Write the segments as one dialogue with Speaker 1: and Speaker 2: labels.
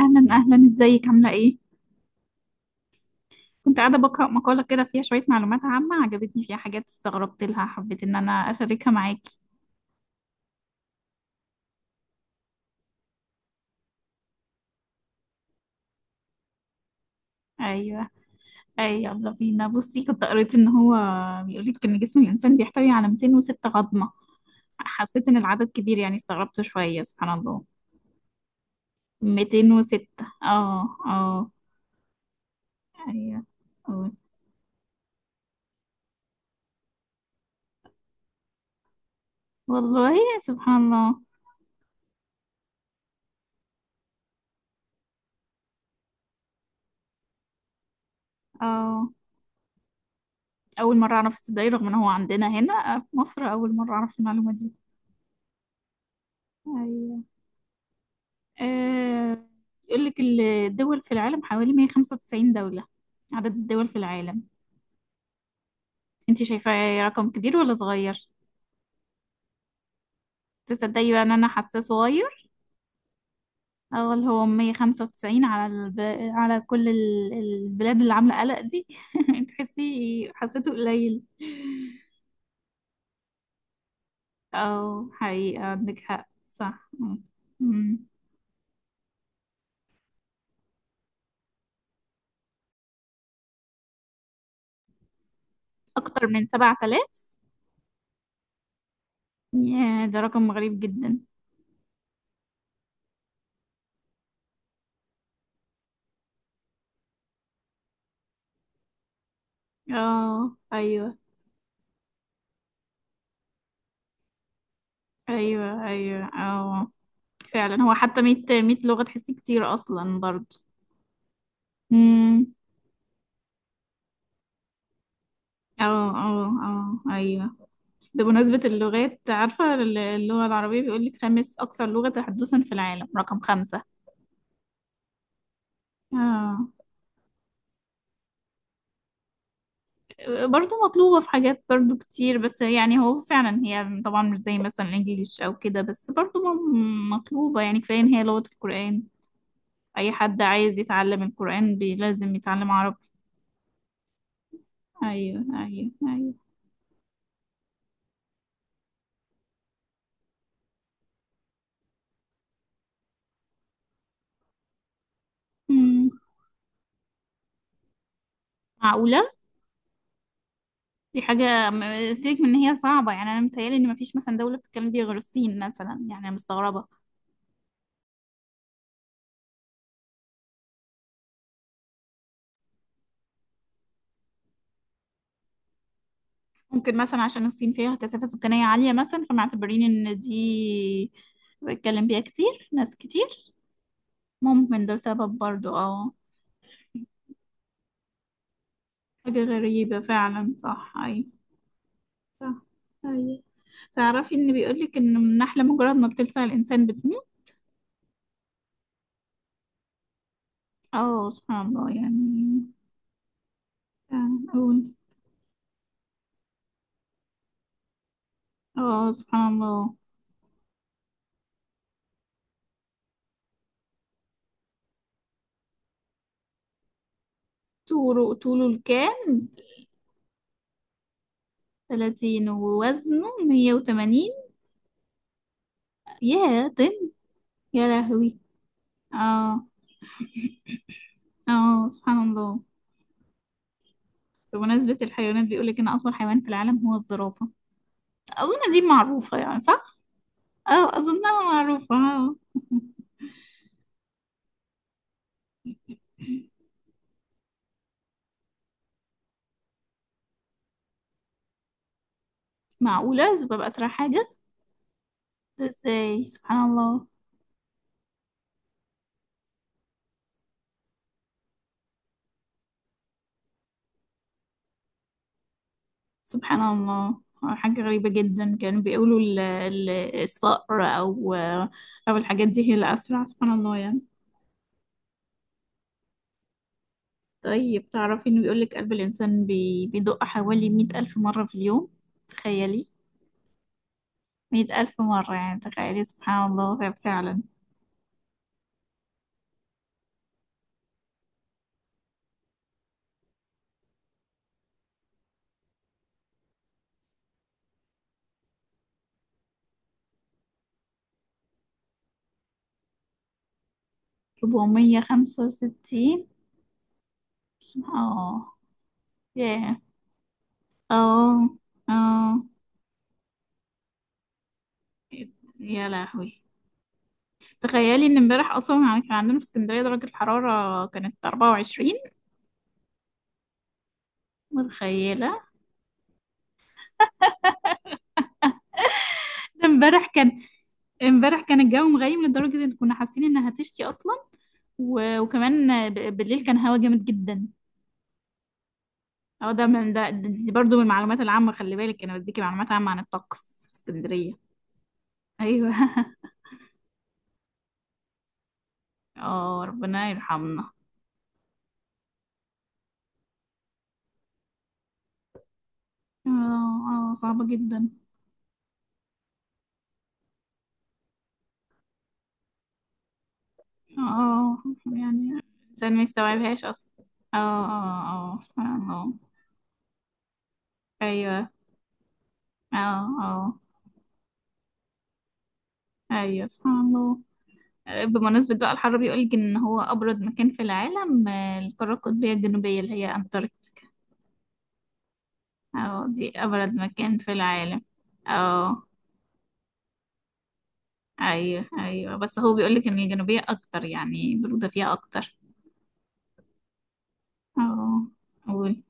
Speaker 1: أهلا أهلا، إزيك؟ عاملة إيه؟ كنت قاعدة بقرأ مقالة كده، فيها شوية معلومات عامة. عجبتني، فيها حاجات استغربت لها، حبيت إن أنا أشاركها معاكي. أيوه، أيوه، يلا بينا. بصي، كنت قريت إن هو بيقولك إن جسم الإنسان بيحتوي على 206 عظمة. حسيت إن العدد كبير، يعني استغربت شوية. سبحان الله. 206. آه، آه. أيوه، أوه. والله سبحان الله. آه. أول مرة أعرف، تصدقي؟ رغم إن هو عندنا هنا، في مصر، أول مرة أعرف المعلومة دي. أيوه. آه، يقول لك الدول في العالم حوالي 195 دولة. عدد الدول في العالم. انت شايفة رقم كبير ولا صغير؟ تصدقي بقى ان انا حاساه صغير. اه، اللي هو 195 على على كل البلاد اللي عاملة قلق دي. تحسي؟ حسيته قليل. اه، حقيقة عندك حق. صح. مم. مم. اكتر من 7000. ياه، ده رقم غريب جدا. اه، ايوه، ايوه، ايوه. اه، فعلا. هو حتى 100 لغة، تحسي كتير أصلا برضه. امم اه، اه، اه، ايوه. ده بمناسبة اللغات، عارفة؟ اللغة العربية بيقولك خامس أكثر لغة تحدثا في العالم. رقم خمسة. اه، برضه مطلوبة في حاجات برضه كتير. بس يعني هو فعلا، هي طبعا مش زي مثلا الإنجليش أو كده، بس برضه مطلوبة. يعني كفاية إن هي لغة القرآن. أي حد عايز يتعلم القرآن لازم يتعلم عربي. أيوه، أيوه، أيوه. مم. معقولة؟ دي حاجة. سيبك من ان هي صعبة. يعني انا متهيألي ان مفيش مثلا دولة بتتكلم بيها غير الصين مثلا، يعني أنا مستغربة. ممكن مثلا عشان الصين فيها كثافة سكانية عالية مثلا، فمعتبرين ان دي بتتكلم بيها كتير، ناس كتير. ممكن ده سبب برضو. اه. حاجة غريبة فعلا، صح. اي. صح. اي. تعرفي ان بيقولك ان النحلة مجرد ما بتلسع الانسان بتموت. اه، سبحان الله يعني. فعلا، أقول. اه، سبحان الله. طوله الكام؟ 30، ووزنه 180. ياه، طن. يا لهوي. اه، اه، سبحان الله. بمناسبة الحيوانات، بيقولك ان اطول حيوان في العالم هو الزرافة. اظن دي معروفة يعني، صح؟ اه، اظنها معروفة، اه. معقولة ببقى اسرع حاجة؟ ده ازاي؟ سبحان الله. سبحان الله. حاجة غريبة جدا. كانوا بيقولوا الصقر او الحاجات دي هي الاسرع. سبحان الله يعني. طيب تعرفي إنه بيقولك قلب الإنسان بيدق حوالي 100,000 مرة في اليوم؟ تخيلي. 100,000 مرة، يعني تخيلي سبحان الله. فعلا. 465. سبحان الله. ياه. اه، اه. يا لهوي. تخيلي إن امبارح أصلا يعني كان عندنا في اسكندرية درجة الحرارة كانت 24. متخيلة. ده امبارح كان امبارح كان الجو مغيم لدرجة ان كنا حاسين انها هتشتي اصلا. وكمان بالليل كان هوا جامد جدا. اه، ده من ده ده- دي برضو من المعلومات العامة. خلي بالك انا بديكي معلومات عامة عن الطقس في اسكندرية. ايوه اه، ربنا يرحمنا. اه، اه، صعبة جدا. اه، يعني الانسان ما يستوعبهاش اصلا. اه، اه، اه، سبحان الله. ايوه، اه، اه، ايوه، سبحان الله. بمناسبة بقى الحر، بيقول لك ان هو ابرد مكان في العالم القارة القطبية الجنوبية اللي هي انتاركتيكا. اه، دي ابرد مكان في العالم. اه، ايوه، ايوه. بس هو بيقول لك ان الجنوبيه اكتر، يعني البروده فيها اكتر. اه. قول.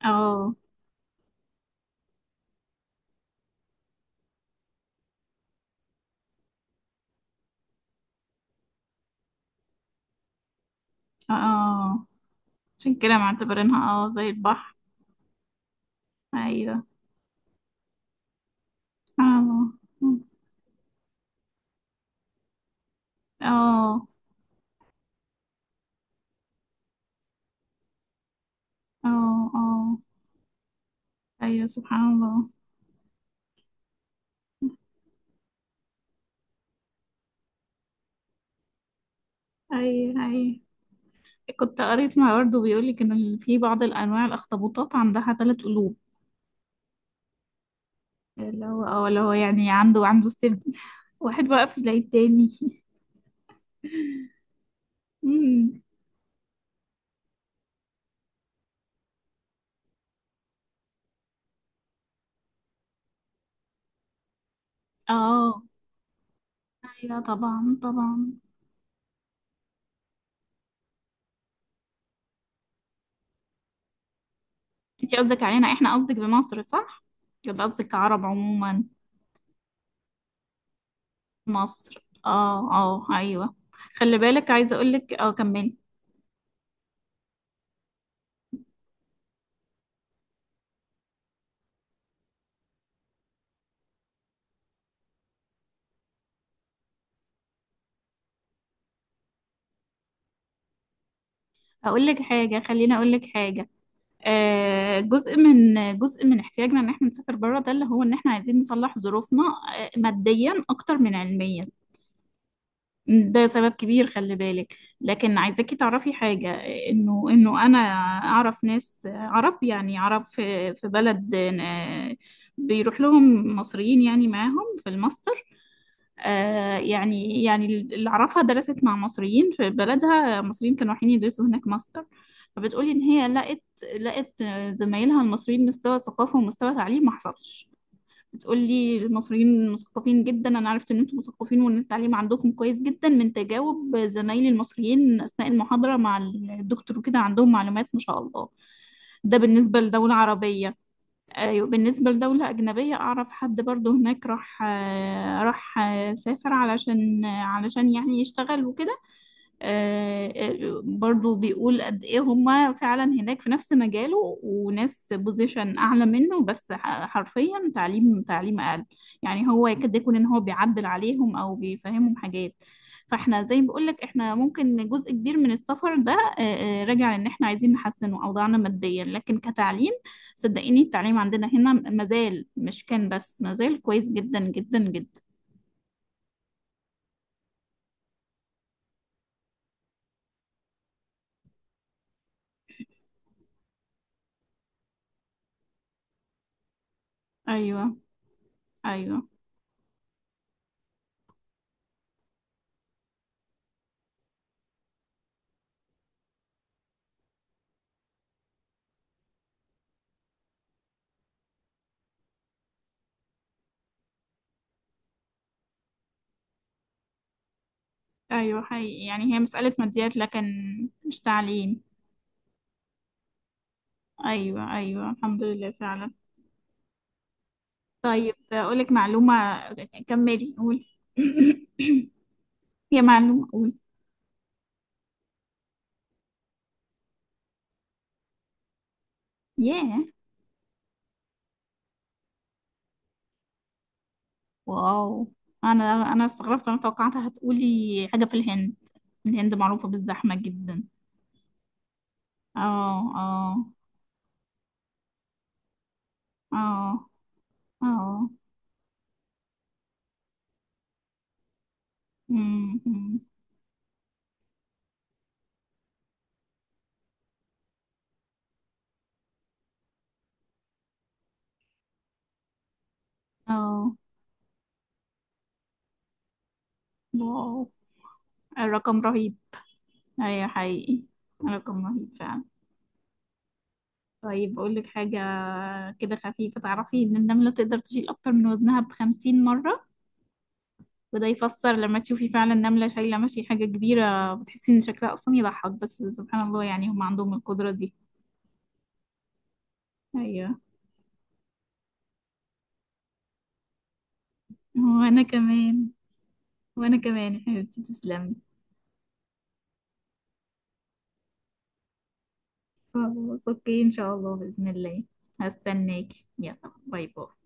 Speaker 1: اه، اه، آه. عشان كده معتبرينها زي البحر. ايوه، اه، اه، اه، اه، ايوه، سبحان الله. ايوه، ايوه. كنت قريت، مع برضه بيقول لك ان في بعض الانواع الاخطبوطات عندها ثلاث قلوب. اللي هو يعني عنده سن، واحد واقف زي التاني. أمم. اه، ايوه، طبعا، طبعا. انت قصدك علينا احنا، قصدك بمصر، صح؟ يبقى قصدك عرب عموما. مصر، اه، اه، ايوه. خلي بالك عايزه اقول لك، كملي. اقول لك حاجه خليني اقول لك حاجه. جزء من احتياجنا ان احنا نسافر بره، ده اللي هو ان احنا عايزين نصلح ظروفنا ماديا اكتر من علميا. ده سبب كبير، خلي بالك. لكن عايزاكي تعرفي حاجة: انه انه انا اعرف ناس عرب، يعني عرب في بلد، بيروح لهم مصريين يعني معاهم في الماستر. يعني اللي اعرفها درست مع مصريين في بلدها. مصريين كانوا رايحين يدرسوا هناك ماستر. فبتقولي ان هي لقت زمايلها المصريين مستوى ثقافة ومستوى تعليم ما حصلش. تقول لي المصريين مثقفين جدا. انا عرفت ان انتم مثقفين وان التعليم عندكم كويس جدا من تجاوب زمايلي المصريين اثناء المحاضره مع الدكتور وكده. عندهم معلومات ما شاء الله. ده بالنسبه لدوله عربيه. ايوه. بالنسبه لدوله اجنبيه، اعرف حد برضو هناك راح آه، راح آه، سافر، علشان يعني يشتغل وكده. آه، برضو بيقول قد ايه هما فعلا هناك في نفس مجاله، وناس بوزيشن اعلى منه، بس حرفيا تعليم اقل. يعني هو يكاد يكون ان هو بيعدل عليهم او بيفهمهم حاجات. فاحنا زي ما بقولك، احنا ممكن جزء كبير من السفر ده راجع لان احنا عايزين نحسن اوضاعنا ماديا، لكن كتعليم صدقيني التعليم عندنا هنا مازال. مش كان بس، مازال كويس جدا جدا جدا. ايوه، ايوه، ايوه، حقيقي. يعني هي مسألة ماديات، لكن مش تعليم. ايوه، ايوه، الحمد لله فعلا. طيب اقولك معلومة. كملي قول. هي معلومة، قول. ياه. واو. انا انا استغربت. انا توقعتها هتقولي حاجة في الهند. الهند معروفة بالزحمة جدا. اه، اه، اه، اه. أمم، أمم. اه، واو. الرقم رهيب. ايوه حقيقي. الرقم رهيب فعلا. طيب أقول لك حاجة كده خفيفة. تعرفي إن النملة تقدر تشيل أكتر من وزنها بخمسين مرة؟ وده يفسر لما تشوفي فعلا نملة شايلة ماشي حاجة كبيرة، بتحسي إن شكلها أصلا يضحك، بس سبحان الله، يعني هم عندهم القدرة دي. أيوه. وأنا كمان. وأنا كمان يا حبيبتي، تسلمي. خلاص، أوكي، إن شاء الله، بإذن الله. هستناكي، يلا. باي باي.